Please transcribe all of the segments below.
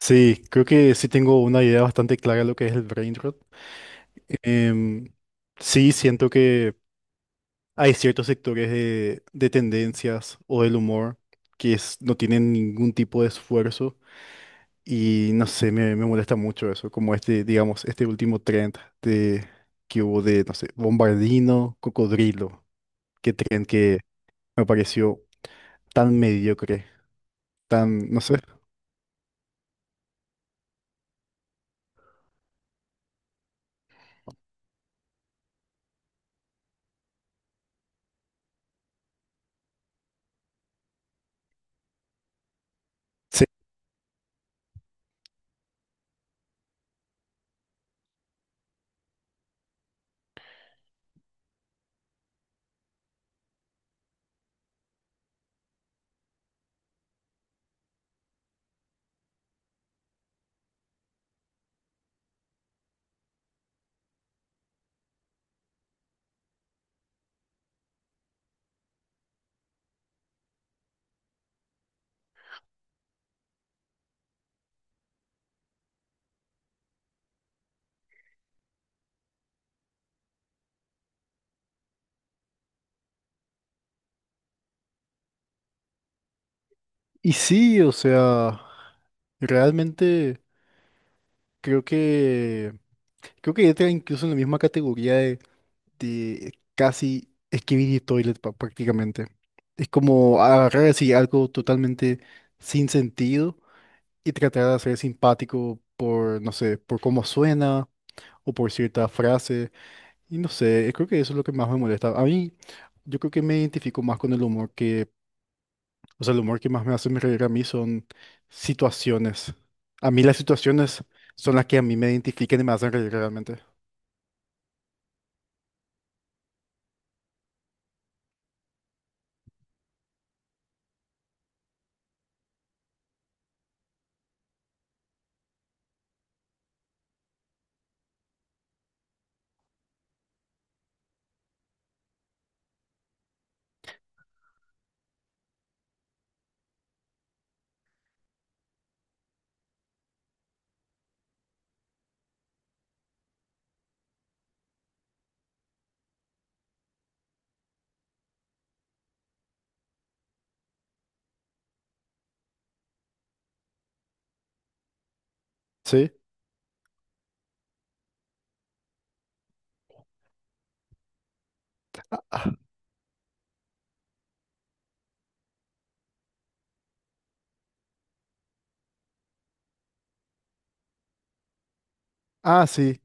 Sí, creo que sí tengo una idea bastante clara de lo que es el brain rot. Em, sí, siento que hay ciertos sectores de tendencias o del humor no tienen ningún tipo de esfuerzo y no sé, me molesta mucho eso, como este, digamos, este último trend de, que hubo de, no sé, Bombardino, Cocodrilo, que trend que me pareció tan mediocre, tan, no sé. Sí, y sí, o sea, realmente creo que... Creo que entra incluso en la misma categoría de casi Skibidi Toilet prácticamente. Es como agarrar así algo totalmente sin sentido y tratar de ser simpático por, no sé, por cómo suena o por cierta frase. Y no sé, creo que eso es lo que más me molesta. A mí, yo creo que me identifico más con el humor que, o sea, el humor que más me hace reír a mí son situaciones. A mí las situaciones son las que a mí me identifican y me hacen reír realmente. ¿Sí? Ah, sí.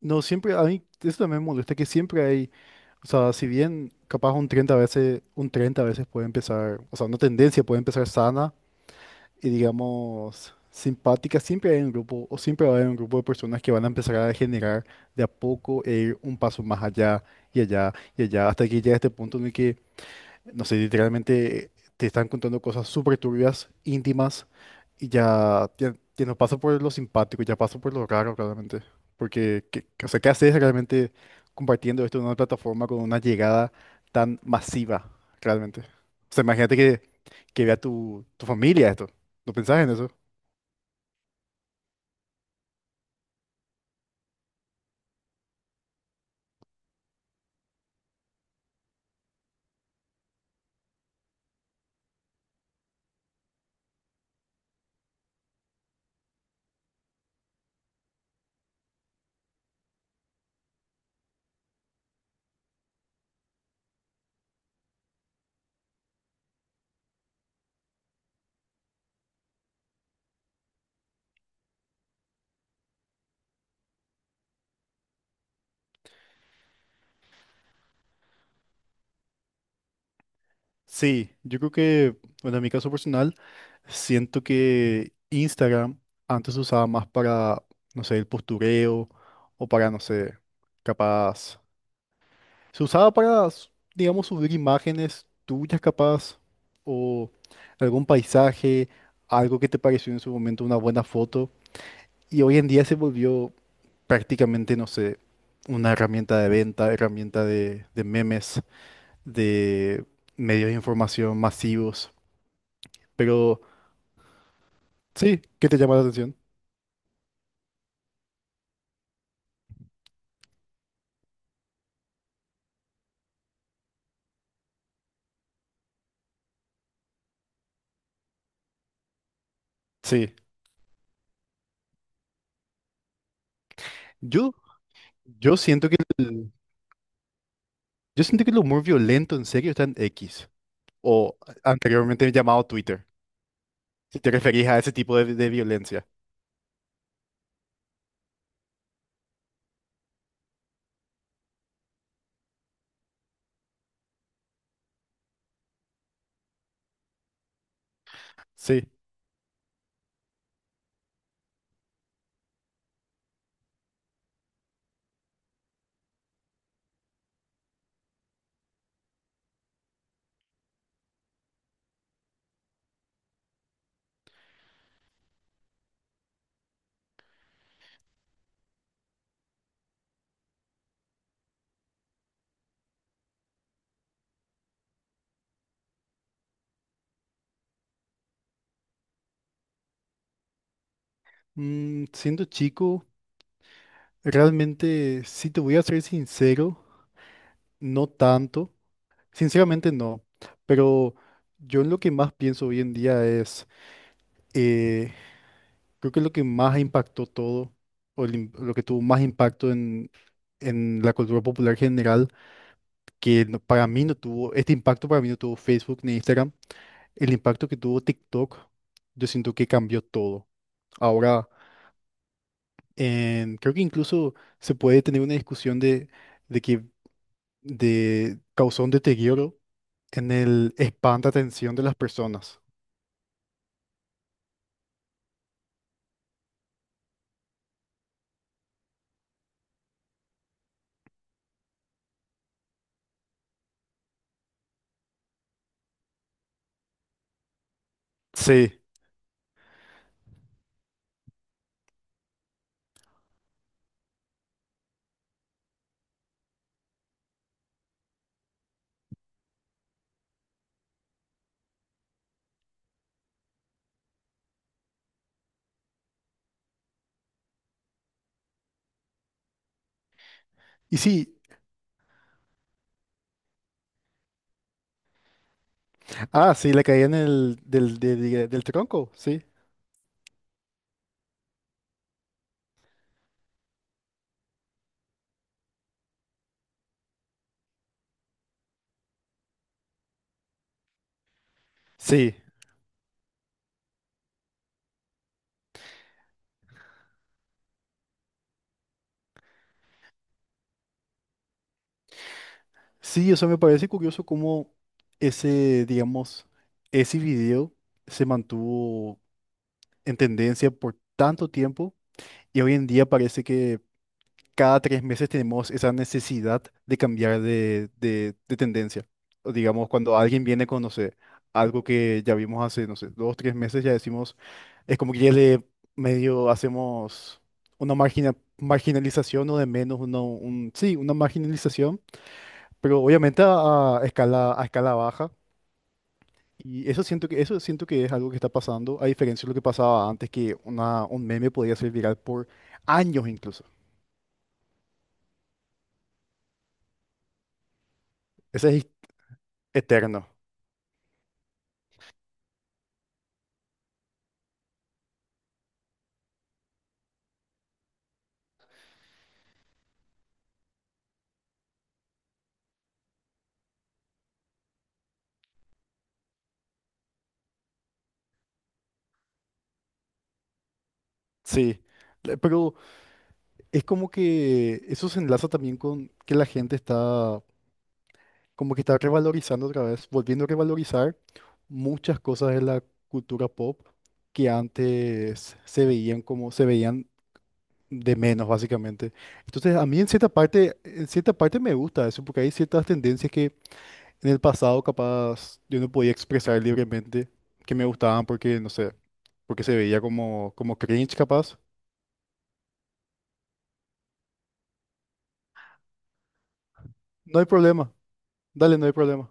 No, siempre, a mí eso también me molesta, que siempre hay, o sea, si bien capaz un 30 veces, un 30 veces puede empezar, o sea, una tendencia puede empezar sana y digamos simpática, siempre hay un grupo, o siempre va a haber un grupo de personas que van a empezar a generar de a poco e ir un paso más allá y allá y allá, hasta que llega este punto en el que, no sé, literalmente te están contando cosas súper turbias, íntimas y ya, ya, ya no paso por lo simpático, ya paso por lo raro realmente. Porque ¿qué, o sea, qué haces realmente compartiendo esto en una plataforma con una llegada tan masiva realmente? O sea, imagínate que vea tu familia esto. ¿No pensás en eso? Sí, yo creo que, bueno, en mi caso personal, siento que Instagram antes se usaba más para, no sé, el postureo o para, no sé, capaz. Se usaba para, s- Digamos, subir imágenes tuyas capaz o algún paisaje, algo que te pareció en su momento una buena foto. Y hoy en día se volvió prácticamente, no sé, una herramienta de venta, herramienta de memes, de medios de información masivos. Pero sí, ¿qué te llama la atención? Sí. Yo, yo siento que yo siento que el humor violento en serio está en X o anteriormente llamado Twitter. Si te referís a ese tipo de violencia. Sí. Mm, siendo chico, realmente, si te voy a ser sincero, no tanto. Sinceramente no. Pero yo en lo que más pienso hoy en día es, eh, creo que lo que más impactó todo, o el lo que tuvo más impacto en la cultura popular general, que no- para mí no tuvo, este impacto para mí no tuvo Facebook ni Instagram, el impacto que tuvo TikTok, yo siento que cambió todo. Ahora... Creo que incluso se puede tener una discusión de que de, causó un deterioro en el espanto atención de las personas. Sí. Y sí, ah, sí, la caída en el, del, de- del tronco, sí. Sí, sí, eso me parece curioso cómo ese, digamos, ese video se mantuvo en tendencia por tanto tiempo y hoy en día parece que cada tres meses tenemos esa necesidad de cambiar de tendencia. O digamos, cuando alguien viene con, no sé, algo que ya vimos hace, no sé, dos, tres meses, ya decimos, es como que ya le medio hacemos una marginalización o de menos, uno, un, sí, una marginalización, pero obviamente a escala baja. Y eso siento que es algo que está pasando, a diferencia de lo que pasaba antes, que un meme podía ser viral por años incluso. Ese es eterno. Sí, le- pero es como que eso se enlaza también con que la gente está como que está revalorizando otra vez, volviendo a revalorizar muchas cosas de la cultura pop que antes se veían como se veían de menos básicamente. Entonces, a mí en cierta parte me gusta eso porque hay ciertas tendencias que en el pasado capaz yo no podía expresar libremente que me gustaban porque no sé, porque se veía como como cringe capaz. No hay problema. Dale, no hay problema.